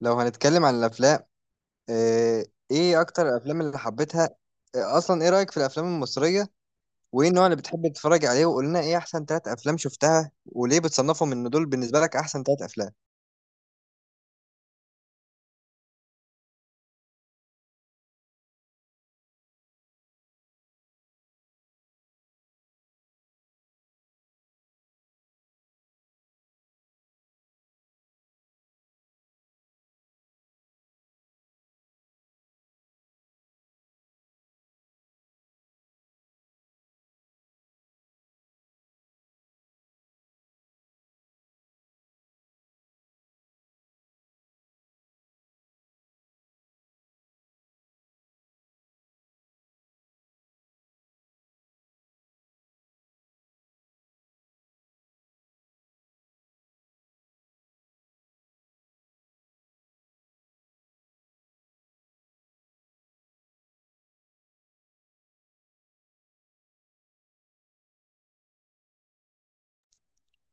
لو هنتكلم عن الافلام. ايه اكتر الافلام اللي حبيتها؟ اصلا ايه رايك في الافلام المصريه؟ وايه النوع اللي بتحب تتفرج عليه؟ وقول لنا ايه احسن ثلاث افلام شفتها وليه بتصنفهم ان دول بالنسبه لك احسن ثلاث افلام.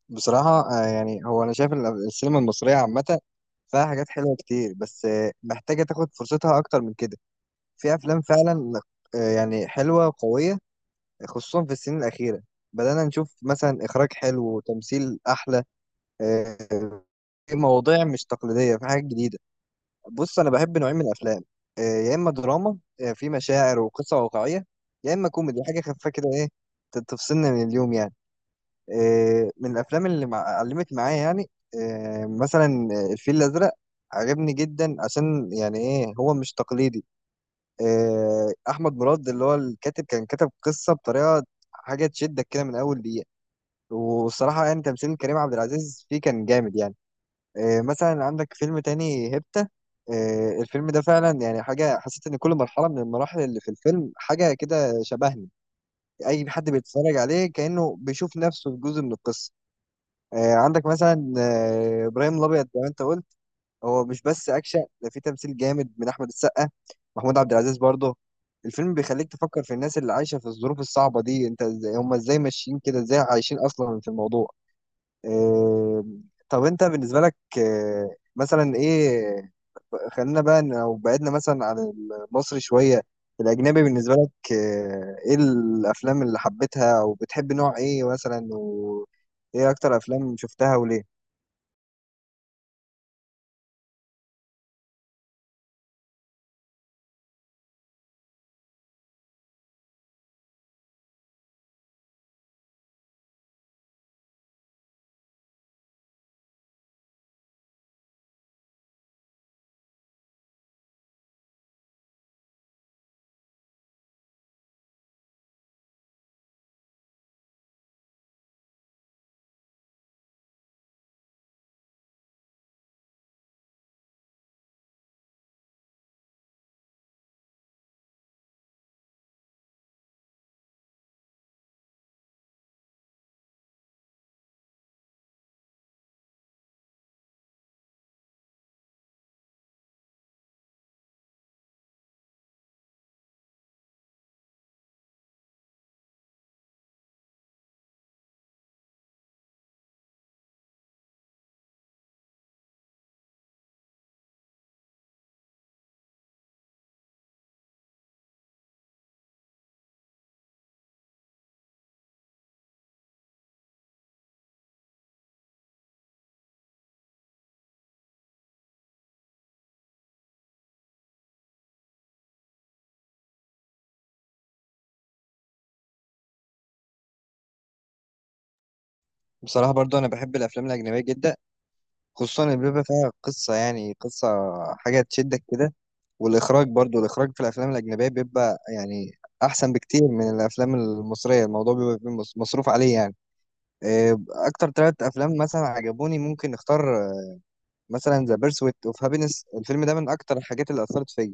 بصراحه، يعني هو انا شايف السينما المصريه عامه فيها حاجات حلوه كتير، بس محتاجه تاخد فرصتها اكتر من كده. في افلام فعلا يعني حلوه وقويه، خصوصا في السنين الاخيره بدأنا نشوف مثلا إخراج حلو وتمثيل أحلى. آه، مواضيع مش تقليدية، في حاجات جديدة. بص، أنا بحب نوعين من الأفلام، يا إما دراما في مشاعر وقصة واقعية، يا إما كوميدي حاجة خفيفة كده، إيه، تفصلنا من اليوم يعني. من الأفلام اللي علمت معايا، يعني مثلا الفيل الأزرق. عجبني جدا، عشان يعني إيه، هو مش تقليدي. أحمد مراد اللي هو الكاتب كان كتب قصة بطريقة، حاجة تشدك كده من أول دقيقة، والصراحة يعني تمثيل كريم عبد العزيز فيه كان جامد يعني. مثلا عندك فيلم تاني، هيبتا. الفيلم ده فعلا يعني حاجة، حسيت إن كل مرحلة من المراحل اللي في الفيلم حاجة كده شبهني. أي حد بيتفرج عليه كأنه بيشوف نفسه في جزء من القصة. عندك مثلا إبراهيم الأبيض، زي ما أنت قلت. هو مش بس أكشن، ده فيه تمثيل جامد من أحمد السقا، محمود عبد العزيز برضه. الفيلم بيخليك تفكر في الناس اللي عايشة في الظروف الصعبة دي، أنت إزاي، هم إزاي ماشيين كده، إزاي عايشين أصلا في الموضوع. آه، طب أنت بالنسبة لك مثلا إيه؟ خلينا بقى لو بعدنا مثلا عن المصري شوية، الأجنبي بالنسبة لك، إيه الأفلام اللي حبيتها، أو بتحب نوع إيه مثلا، وإيه أكتر أفلام شفتها وليه؟ بصراحة برضو أنا بحب الأفلام الأجنبية جدا، خصوصا اللي بيبقى فيها قصة، يعني قصة، حاجة تشدك كده. والإخراج برضو، الإخراج في الأفلام الأجنبية بيبقى يعني أحسن بكتير من الأفلام المصرية. الموضوع بيبقى فيه مصروف عليه يعني. أكتر ثلاث أفلام مثلا عجبوني، ممكن نختار مثلا ذا بيرسويت اوف هابينس. الفيلم ده من اكتر الحاجات اللي اثرت فيا.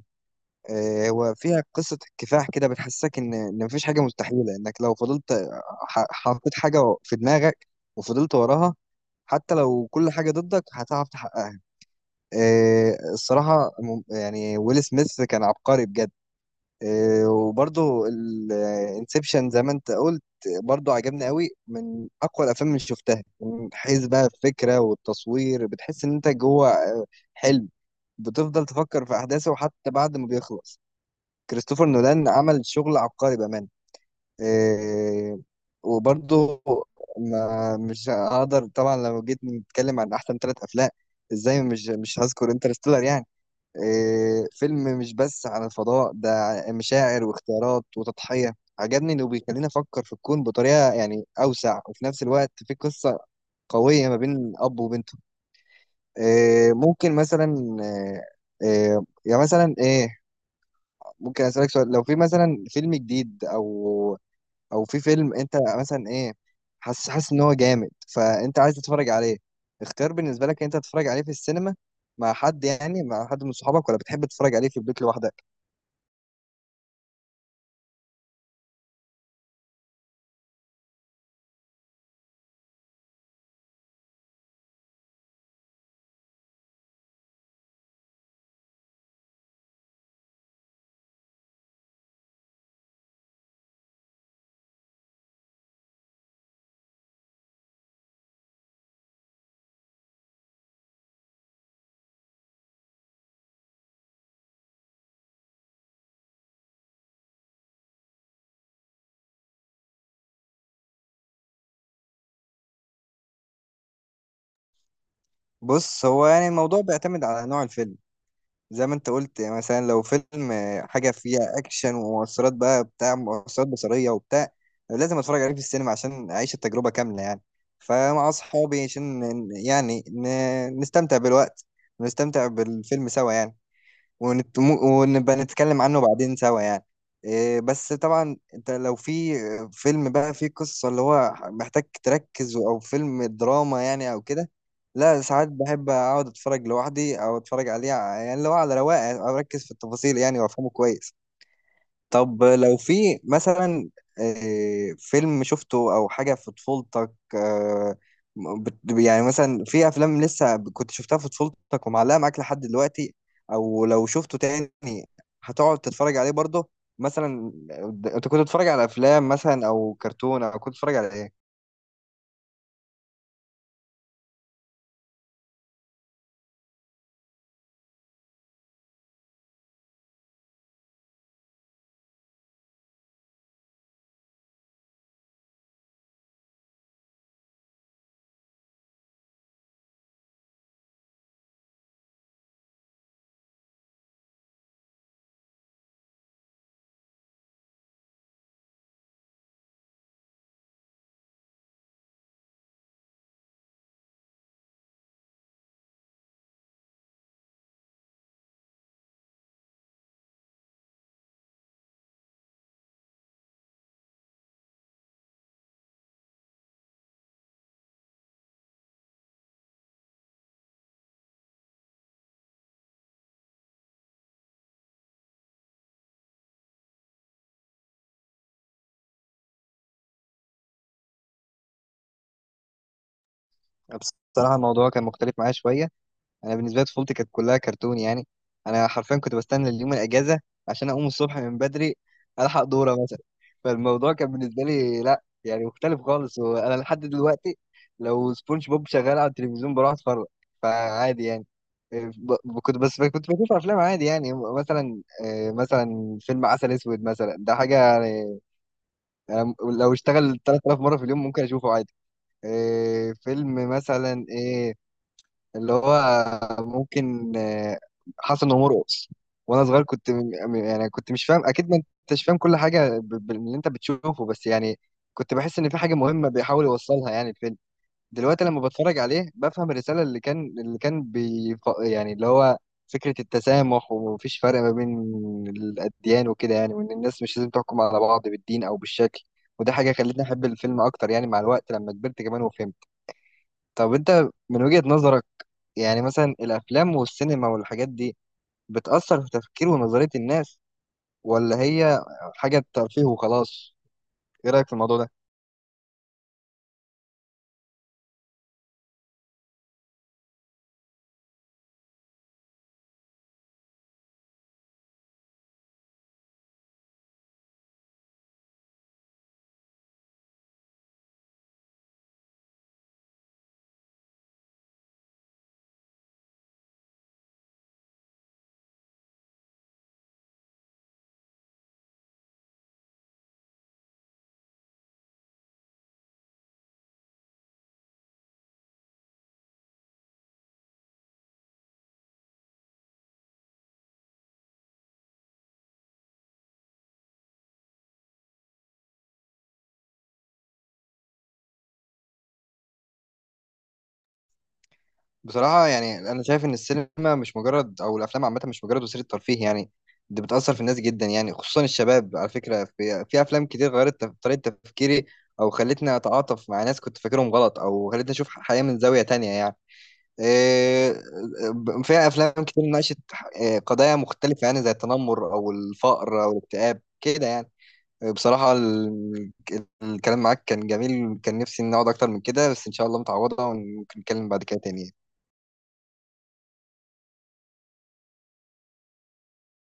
هو فيها قصه كفاح كده، بتحسسك ان مفيش حاجه مستحيله. انك لو فضلت، حطيت حاجه في دماغك وفضلت وراها، حتى لو كل حاجه ضدك هتعرف تحققها. الصراحه يعني ويل سميث كان عبقري بجد. وبرضه الانسبشن زي ما انت قلت، برضه عجبني قوي، من اقوى الافلام اللي شفتها، من حيث بقى الفكره والتصوير. بتحس ان انت جوه حلم، بتفضل تفكر في احداثه حتى بعد ما بيخلص. كريستوفر نولان عمل شغل عبقري بامانه. إيه، وبرضه ما مش هقدر طبعا، لو جيت نتكلم عن احسن ثلاث افلام ازاي مش هذكر انترستيلر يعني. إيه، فيلم مش بس عن الفضاء، ده مشاعر واختيارات وتضحيه. عجبني انه بيخليني افكر في الكون بطريقه يعني اوسع، وفي نفس الوقت في قصه قويه ما بين اب وبنته. إيه، ممكن مثلا، إيه، إيه، يعني مثلا ايه، ممكن اسالك سؤال؟ لو في مثلا فيلم جديد، او او في فيلم انت مثلا ايه، حاسس حاسس ان هو جامد فانت عايز تتفرج عليه، اختيار بالنسبه لك انت تتفرج عليه في السينما مع حد يعني مع حد من صحابك، ولا بتحب تتفرج عليه في البيت لوحدك؟ بص، هو يعني الموضوع بيعتمد على نوع الفيلم. زي ما انت قلت يعني، مثلا لو فيلم حاجه فيها اكشن ومؤثرات بقى، بتاع مؤثرات بصريه وبتاع، لازم اتفرج عليه في السينما عشان اعيش التجربه كامله يعني. فمع اصحابي عشان يعني نستمتع بالوقت ونستمتع بالفيلم سوا يعني، ونبقى نتكلم عنه بعدين سوا يعني. إيه، بس طبعا انت لو في فيلم بقى فيه قصة، اللي هو محتاج تركز، او فيلم دراما يعني او كده، لا ساعات بحب اقعد اتفرج لوحدي، او اتفرج عليه يعني اللي هو على رواقه، اركز في التفاصيل يعني وافهمه كويس. طب لو في مثلا فيلم شفته او حاجه في طفولتك، يعني مثلا في افلام لسه كنت شفتها في طفولتك ومعلقه معاك لحد دلوقتي، او لو شفته تاني هتقعد تتفرج عليه برضه؟ مثلا انت كنت بتتفرج على افلام مثلا او كرتون، او كنت بتتفرج على ايه؟ بصراحه الموضوع كان مختلف معايا شويه. انا بالنسبه لي طفولتي كانت كلها كرتون يعني. انا حرفيا كنت بستنى اليوم الاجازه عشان اقوم الصبح من بدري، الحق دوره مثلا. فالموضوع كان بالنسبه لي لا يعني مختلف خالص، وانا لحد دلوقتي لو سبونج بوب شغال على التلفزيون بروح اتفرج، فعادي يعني. كنت بس كنت بشوف افلام عادي يعني. مثلا مثلا فيلم عسل اسود مثلا، ده حاجه يعني، أنا لو اشتغل 3000 مره في اليوم ممكن اشوفه عادي. فيلم مثلا إيه، اللي هو ممكن حسن ومرقص. وانا صغير كنت يعني كنت مش فاهم اكيد، ما انتش فاهم كل حاجه باللي انت بتشوفه، بس يعني كنت بحس ان في حاجه مهمه بيحاول يوصلها يعني الفيلم. دلوقتي لما بتفرج عليه بفهم الرساله اللي كان بي يعني، اللي هو فكره التسامح ومفيش فرق ما بين الاديان وكده يعني، وان الناس مش لازم تحكم على بعض بالدين او بالشكل. وده حاجه خلتني احب الفيلم اكتر يعني، مع الوقت لما كبرت كمان وفهمت. طب انت من وجهه نظرك يعني مثلا الافلام والسينما والحاجات دي، بتأثر في تفكير ونظرية الناس، ولا هي حاجة ترفيه وخلاص؟ ايه رأيك في الموضوع ده؟ بصراحة يعني انا شايف ان السينما مش مجرد، او الافلام عامة مش مجرد وسيلة ترفيه يعني. دي بتأثر في الناس جدا يعني، خصوصا الشباب. على فكرة في افلام كتير غيرت طريقة تفكيري، او خلتني اتعاطف مع ناس كنت فاكرهم غلط، او خلتني اشوف حياة من زاوية تانية يعني. آه، فيها افلام كتير ناقشت قضايا مختلفه يعني، زي التنمر او الفقر او الاكتئاب كده يعني. بصراحه الكلام معاك كان جميل، كان نفسي نقعد اكتر من كده، بس ان شاء الله متعوضه وممكن نتكلم بعد كده تاني يعني.